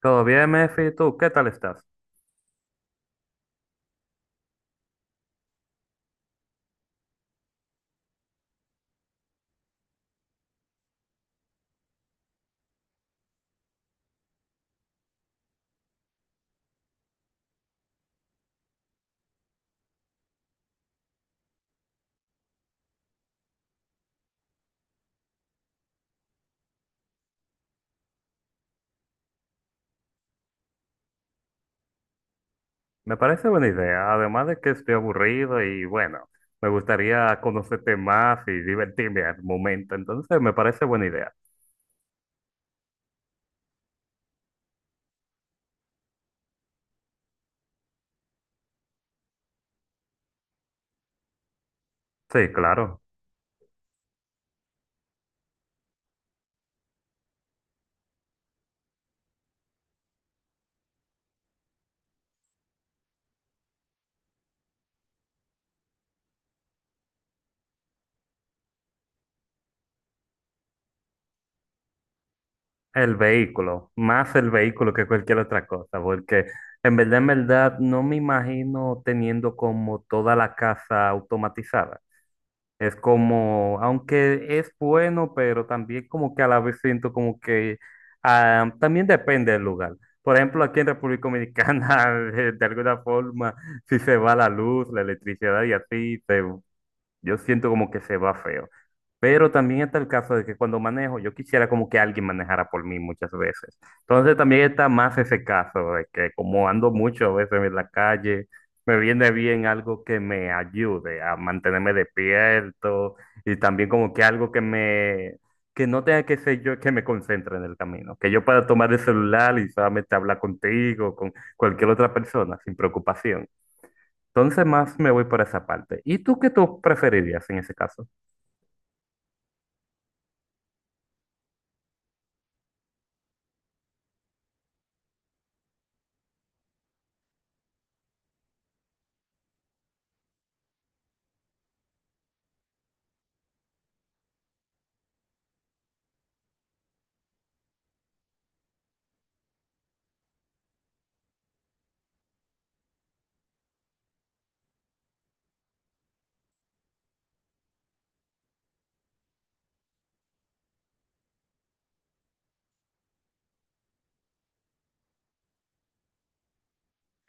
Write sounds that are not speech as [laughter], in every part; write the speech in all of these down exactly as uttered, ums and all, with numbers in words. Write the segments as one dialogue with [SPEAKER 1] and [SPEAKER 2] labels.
[SPEAKER 1] Todo bien, Mefi, ¿tú qué tal estás? Me parece buena idea, además de que estoy aburrido y bueno, me gustaría conocerte más y divertirme al momento, entonces me parece buena idea. Sí, claro, el vehículo, más el vehículo que cualquier otra cosa, porque en verdad, en verdad, no me imagino teniendo como toda la casa automatizada. Es como, aunque es bueno, pero también como que a la vez siento como que ah, también depende del lugar. Por ejemplo, aquí en República Dominicana, [laughs] de, de alguna forma, si se va la luz, la electricidad y así, se, yo siento como que se va feo. Pero también está el caso de que cuando manejo, yo quisiera como que alguien manejara por mí muchas veces. Entonces también está más ese caso de que como ando mucho a veces en la calle, me viene bien algo que me ayude a mantenerme despierto y también como que algo que me, que no tenga que ser yo que me concentre en el camino, que yo pueda tomar el celular y solamente hablar contigo, con cualquier otra persona sin preocupación. Entonces más me voy por esa parte. ¿Y tú qué tú preferirías en ese caso?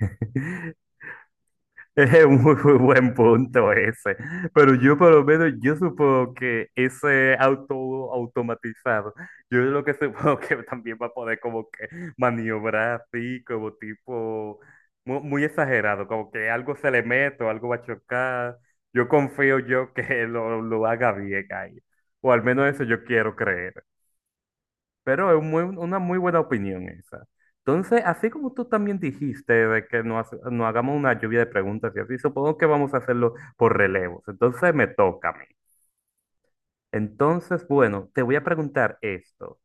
[SPEAKER 1] [laughs] Es un muy, muy buen punto ese. Pero yo por lo menos, yo supongo que ese auto automatizado, yo lo que [laughs] supongo que también va a poder como que maniobrar así, como tipo, mu- muy exagerado, como que algo se le mete o algo va a chocar. Yo confío yo que [laughs] lo, lo haga bien ahí. O al menos eso yo quiero creer. Pero es muy- una muy buena opinión esa. Entonces, así como tú también dijiste de que nos, nos hagamos una lluvia de preguntas y así, supongo que vamos a hacerlo por relevos. Entonces, me toca a mí. Entonces, bueno, te voy a preguntar esto.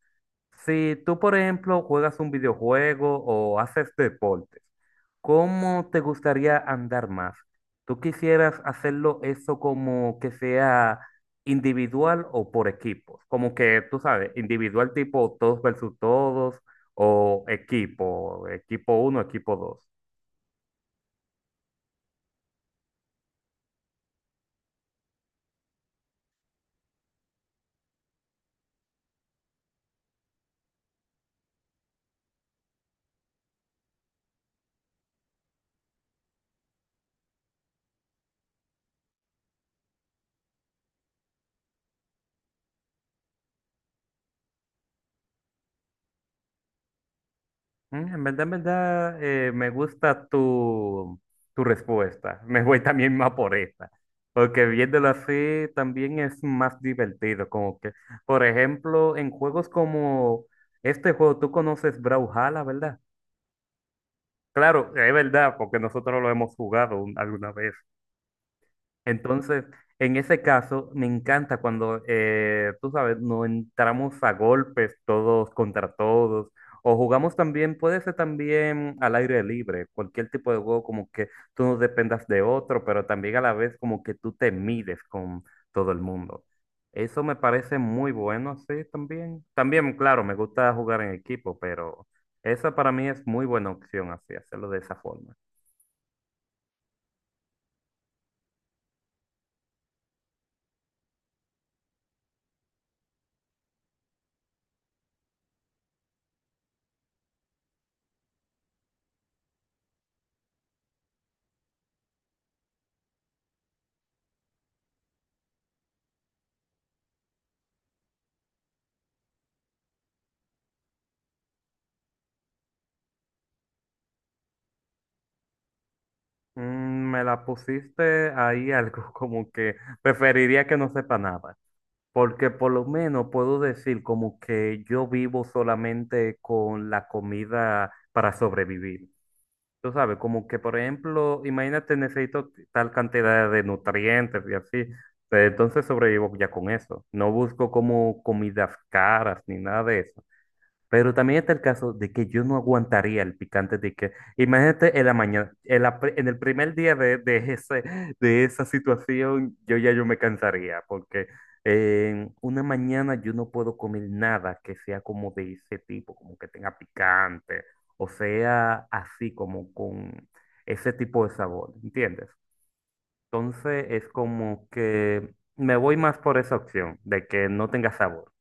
[SPEAKER 1] Si tú, por ejemplo, juegas un videojuego o haces deportes, ¿cómo te gustaría andar más? ¿Tú quisieras hacerlo eso como que sea individual o por equipos? Como que, tú sabes, individual tipo todos versus todos o equipo, equipo uno, equipo dos. Mm, En verdad, en verdad, eh, me gusta tu, tu respuesta. Me voy también más por esta. Porque viéndolo así también es más divertido. Como que, por ejemplo, en juegos como este juego, tú conoces Brawlhalla, ¿verdad? Claro, es verdad, porque nosotros lo hemos jugado un- alguna vez. Entonces, en ese caso, me encanta cuando, eh, tú sabes, nos entramos a golpes todos contra todos, o jugamos también, puede ser también al aire libre, cualquier tipo de juego como que tú no dependas de otro, pero también a la vez como que tú te mides con todo el mundo. Eso me parece muy bueno, sí, también. También, claro, me gusta jugar en equipo, pero esa para mí es muy buena opción, así, hacerlo de esa forma. Mm, Me la pusiste ahí algo [laughs] como que preferiría que no sepa nada, porque por lo menos puedo decir como que yo vivo solamente con la comida para sobrevivir. Tú sabes, como que por ejemplo, imagínate, necesito tal cantidad de nutrientes y así, pues, entonces sobrevivo ya con eso. No busco como comidas caras ni nada de eso. Pero también está el caso de que yo no aguantaría el picante de que, imagínate en la mañana, en, la pri- en el primer día de, de ese, de esa situación, yo ya yo me cansaría, porque en una mañana yo no puedo comer nada que sea como de ese tipo, como que tenga picante, o sea, así como con ese tipo de sabor, ¿entiendes? Entonces es como que me voy más por esa opción de que no tenga sabor.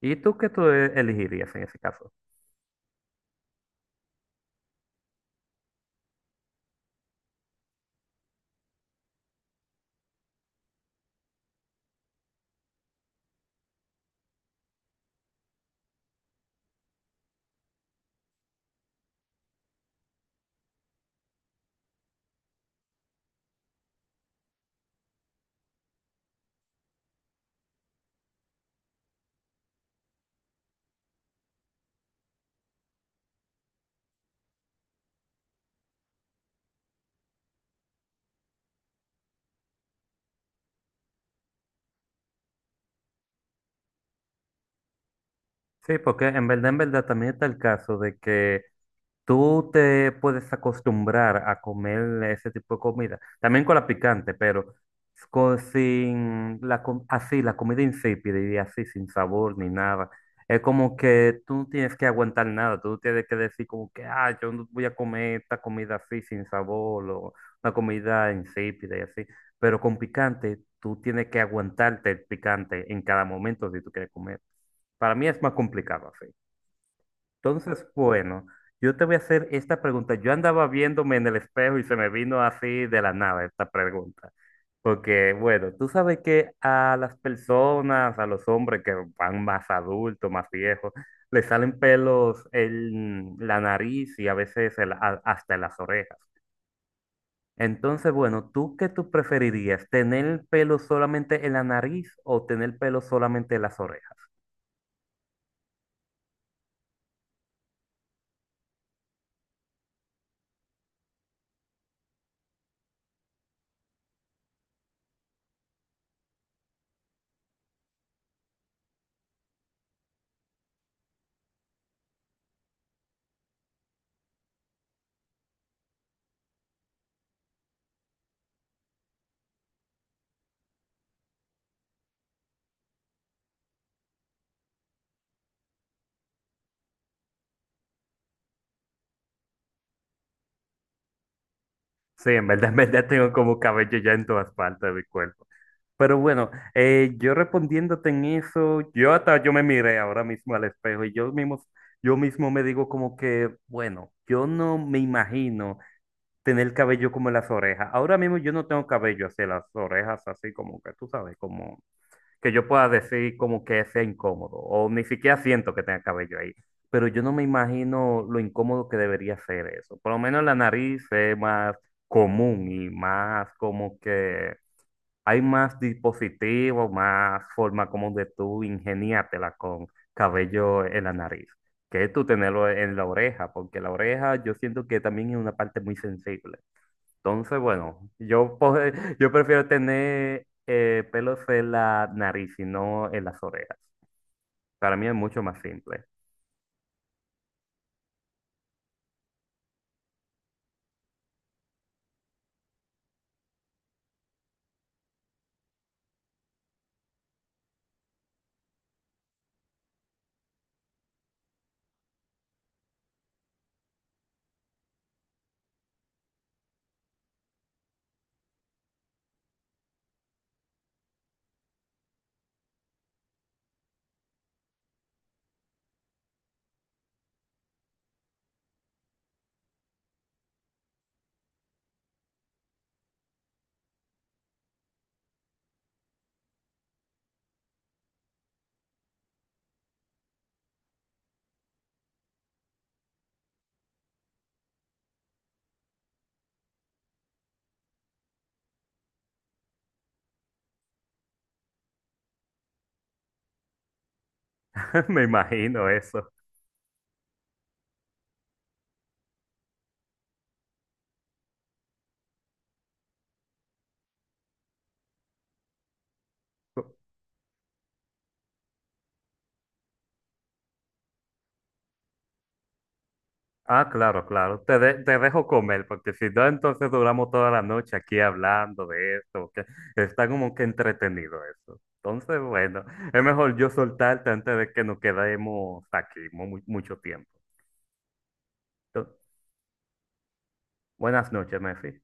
[SPEAKER 1] ¿Y tú qué tú e-, elegirías en ese caso? Sí, porque en verdad, en verdad también está el caso de que tú te puedes acostumbrar a comer ese tipo de comida, también con la picante, pero con- sin la, com- así, la comida insípida y así, sin sabor ni nada. Es como que tú no tienes que aguantar nada, tú no tienes que decir como que, ah, yo no voy a comer esta comida así, sin sabor, o una comida insípida y así. Pero con picante, tú tienes que aguantarte el picante en cada momento si tú quieres comer. Para mí es más complicado así. Entonces, bueno, yo te voy a hacer esta pregunta. Yo andaba viéndome en el espejo y se me vino así de la nada esta pregunta. Porque, bueno, tú sabes que a las personas, a los hombres que van más adultos, más viejos, les salen pelos en la nariz y a veces en la- hasta en las orejas. Entonces, bueno, ¿tú qué tú preferirías? ¿Tener pelo solamente en la nariz o tener pelo solamente en las orejas? Sí, en verdad, en verdad tengo como cabello ya en todas partes de mi cuerpo. Pero bueno, eh, yo respondiéndote en eso, yo hasta yo me miré ahora mismo al espejo y yo mismo, yo mismo me digo como que, bueno, yo no me imagino tener cabello como en las orejas. Ahora mismo yo no tengo cabello hacia las orejas, así como que tú sabes, como que yo pueda decir como que sea incómodo o ni siquiera siento que tenga cabello ahí. Pero yo no me imagino lo incómodo que debería ser eso. Por lo menos la nariz es más común y más como que hay más dispositivos, más forma como de tú ingeniártela con cabello en la nariz, que tú tenerlo en la oreja, porque la oreja yo siento que también es una parte muy sensible. Entonces, bueno, yo, po- [laughs] yo prefiero tener eh, pelos en la nariz y no en las orejas. Para mí es mucho más simple. [laughs] Me imagino eso. Ah, claro, claro. Te, de- te dejo comer, porque si no, entonces duramos toda la noche aquí hablando de esto, que está como que entretenido eso. Entonces, bueno, es mejor yo soltarte antes de que nos quedemos aquí mu- mucho tiempo. Entonces, buenas noches, Messi.